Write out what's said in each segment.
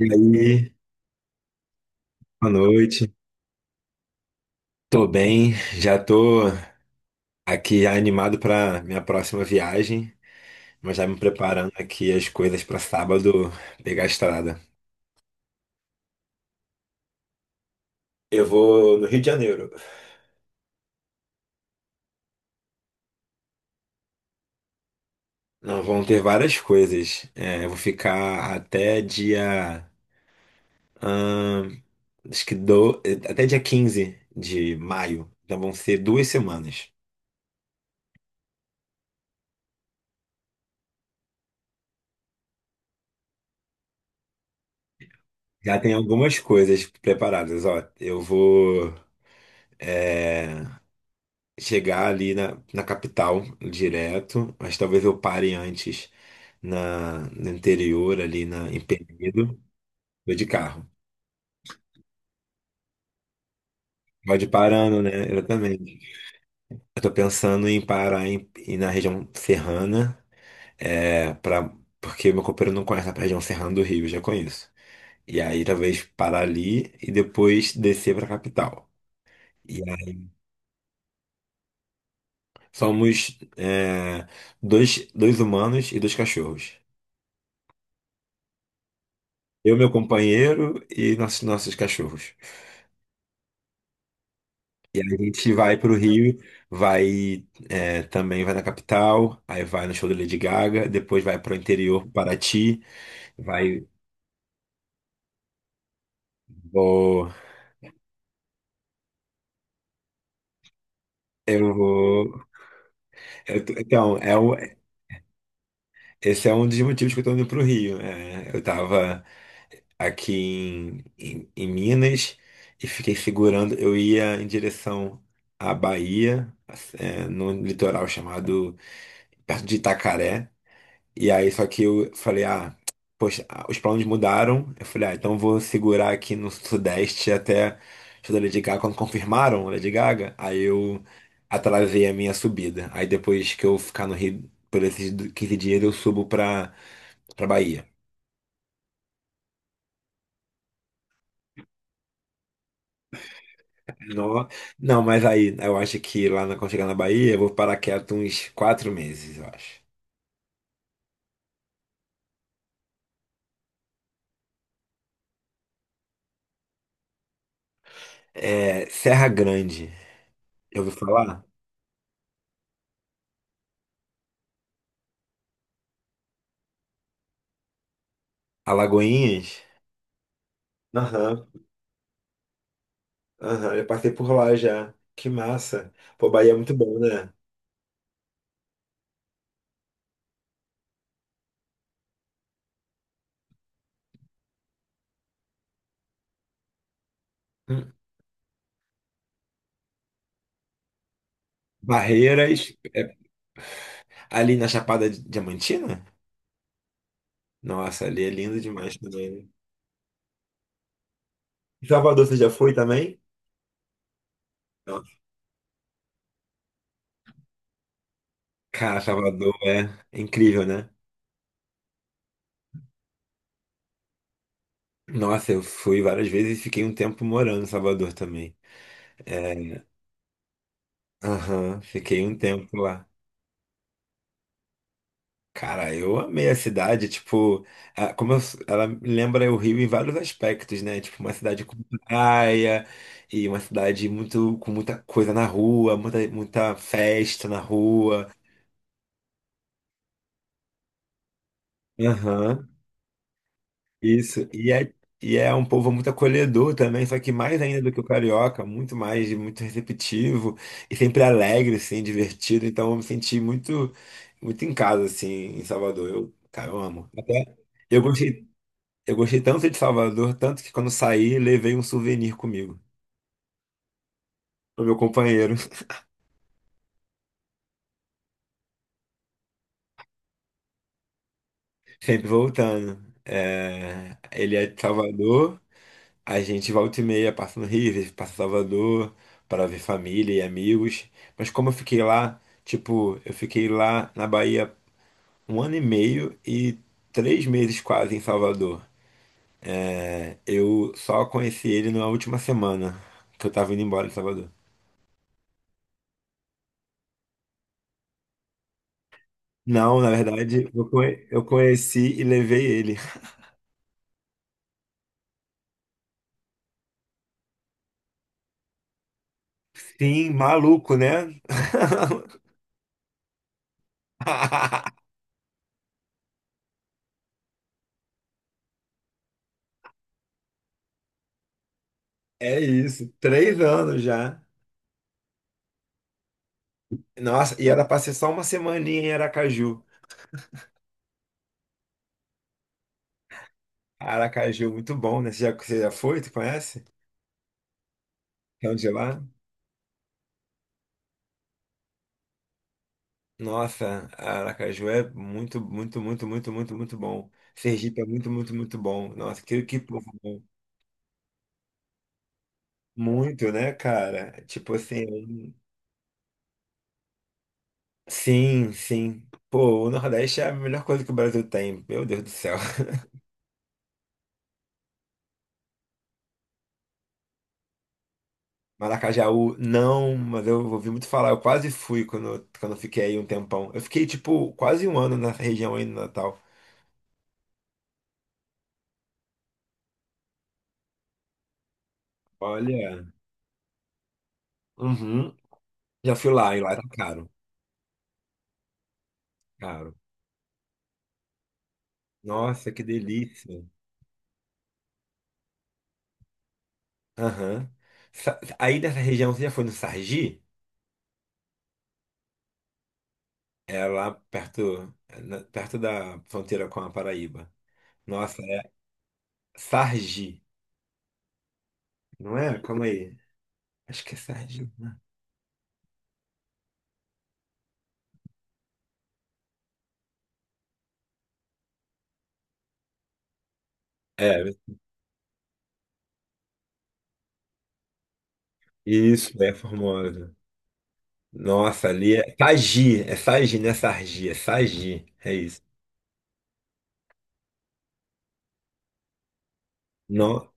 E aí, boa noite. Tô bem, já tô aqui animado para minha próxima viagem, mas já me preparando aqui as coisas para sábado pegar a estrada. Eu vou no Rio de Janeiro. Não, vão ter várias coisas. É, eu vou ficar até dia, ahn, acho que do, até dia 15 de maio. Então vão ser duas semanas. Já tem algumas coisas preparadas. Ó, eu vou. É, chegar ali na capital direto, mas talvez eu pare antes na, no interior, ali na, em Penedo, vou de carro. Pode ir parando, né? Exatamente. Eu tô pensando em parar na região serrana, é, pra, porque meu companheiro não conhece a região serrana do Rio, eu já conheço. E aí talvez parar ali e depois descer pra capital. E aí, somos é, dois, dois humanos e dois cachorros. Eu, meu companheiro e nossos, nossos cachorros. E aí a gente vai pro Rio, vai é, também vai na capital, aí vai no show da Lady Gaga, depois vai pro interior, Paraty, vai. Vou, eu vou. Eu então, é, esse é um dos motivos que eu tô indo pro Rio. Né? Eu tava aqui em Minas e fiquei segurando. Eu ia em direção à Bahia, é, num litoral chamado perto de Itacaré. E aí, só que eu falei, ah, poxa, ah, os planos mudaram. Eu falei, ah, então vou segurar aqui no Sudeste até o show da Lady Gaga. Quando confirmaram a Lady Gaga, aí eu atrasei a minha subida. Aí depois que eu ficar no Rio por esses 15 dias, eu subo pra, pra Bahia. Não, não, mas aí eu acho que quando chegar na Bahia, eu vou parar quieto uns quatro meses, eu acho. É, Serra Grande. Eu ouvi falar? Alagoinhas? Aham. Aham, eu passei por lá já. Que massa. Pô, Bahia é muito bom, né? Hum. Barreiras, é, ali na Chapada Diamantina? Nossa, ali é lindo demais também. Né? Em Salvador, você já foi também? Nossa. Cara, Salvador é incrível, né? Nossa, eu fui várias vezes e fiquei um tempo morando em Salvador também. É, aham, fiquei um tempo lá. Cara, eu amei a cidade, tipo, a- como eu- ela lembra o Rio em vários aspectos, né? Tipo, uma cidade com praia e uma cidade muito com muita coisa na rua, muita, muita festa na rua. Aham, isso. E é um povo muito acolhedor também, só que mais ainda do que o carioca, muito mais, muito receptivo e sempre alegre, assim, divertido. Então eu me senti muito, muito em casa, assim, em Salvador. Eu, cara, eu amo. Até eu gostei Eu gostei tanto de Salvador, tanto que quando saí, levei um souvenir comigo. O meu companheiro, sempre voltando. É, ele é de Salvador, a gente volta e meia, passa no Rio, às vezes passa em Salvador, para ver família e amigos. Mas como eu fiquei lá, tipo, eu fiquei lá na Bahia um ano e meio e três meses quase em Salvador. É, eu só conheci ele na última semana que eu tava indo embora de Salvador. Não, na verdade, eu conheci e levei ele. Sim, maluco, né? É isso, três anos já. Nossa, e era pra ser só uma semaninha em Aracaju. Aracaju, muito bom, né? Você já foi? Tu conhece? É onde é lá? Nossa, Aracaju é muito, muito, muito, muito, muito, muito bom. Sergipe é muito, muito, muito bom. Nossa, que povo bom. Muito, né, cara? Tipo assim, sim, sim. Pô, o Nordeste é a melhor coisa que o Brasil tem. Meu Deus do céu. Maracajaú, não, mas eu ouvi muito falar. Eu quase fui quando, quando eu fiquei aí um tempão. Eu fiquei, tipo, quase um ano na região aí no Natal. Olha, uhum. Já fui lá e lá tá caro, caro. Nossa, que delícia. Aham. Aí nessa região, você já foi no Sargi? É lá perto, é perto da fronteira com a Paraíba. Nossa, é Sargi, não é? Calma aí. Acho que é Sargi. Né? É, isso, é Formosa. Nossa, ali é Sagi, não é Sargi, é Sagi, é isso. Não,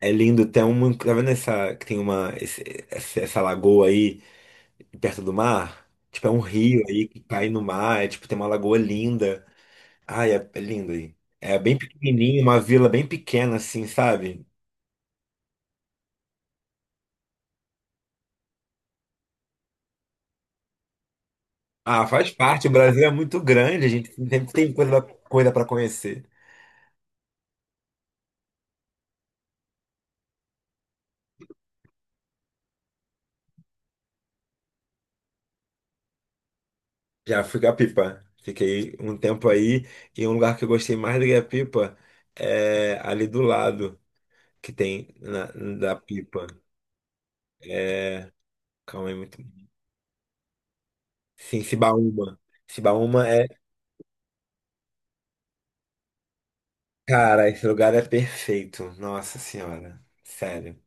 é lindo, tem uma, tá vendo essa, que tem uma, essa lagoa aí perto do mar? Tipo, é um rio aí que cai no mar, é tipo, tem uma lagoa linda. Ai, é, é lindo aí. É bem pequenininho, uma vila bem pequena assim, sabe? Ah, faz parte, o Brasil é muito grande, a gente sempre tem coisa, coisa para conhecer. Já fui Gapipa. Fiquei um tempo aí e um lugar que eu gostei mais do Gapipa é ali do lado que tem na, da Pipa. É, calma aí, muito. Sim, Cibaúma. Cibaúma é, cara, esse lugar é perfeito. Nossa Senhora, sério.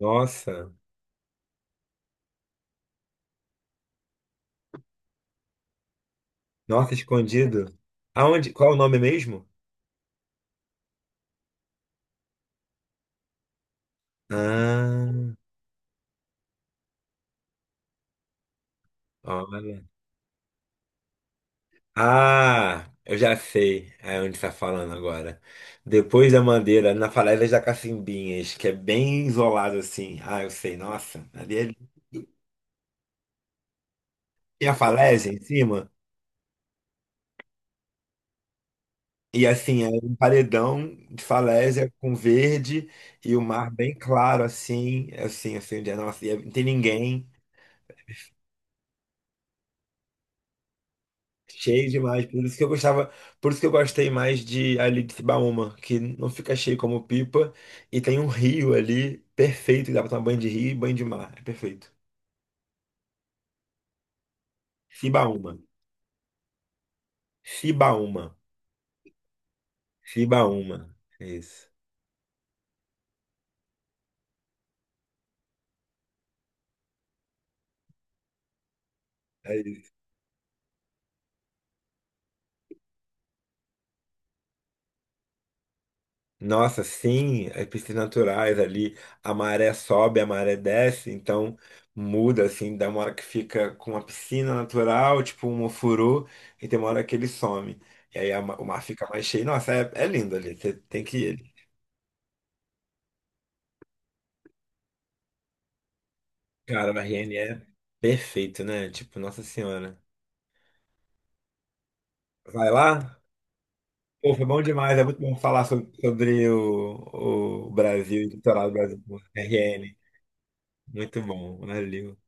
Nossa, nossa, escondido. Aonde? Qual é o nome mesmo? Ah, olha. Ah, eu já sei é onde está falando agora. Depois da Mandeira, na Falésias da Cacimbinhas, que é bem isolado assim. Ah, eu sei, nossa. Tem a falésia em cima. E assim, é um paredão de falésia com verde e o mar bem claro, assim, assim, assim, onde é, nossa, e é, não tem ninguém. Cheio demais. Por isso que eu gostava, por isso que eu gostei mais de ali de Cibaúma, que não fica cheio como Pipa e tem um rio ali perfeito, dá pra tomar banho de rio e banho de mar. É perfeito. Cibaúma. Cibaúma. Cibaúma. É isso. É Nossa, sim, as piscinas naturais ali, a maré sobe, a maré desce, então muda assim, dá uma hora que fica com uma piscina natural, tipo um ofurô, e tem uma hora que ele some. E aí o mar fica mais cheio. Nossa, é, é lindo ali, você tem que ir. Cara, o RN é perfeito, né? Tipo, Nossa Senhora. Vai lá? Pô, foi bom demais, é muito bom falar sobre, sobre o Brasil, o litoral do Brasil, o RN. Muito bom, valeu.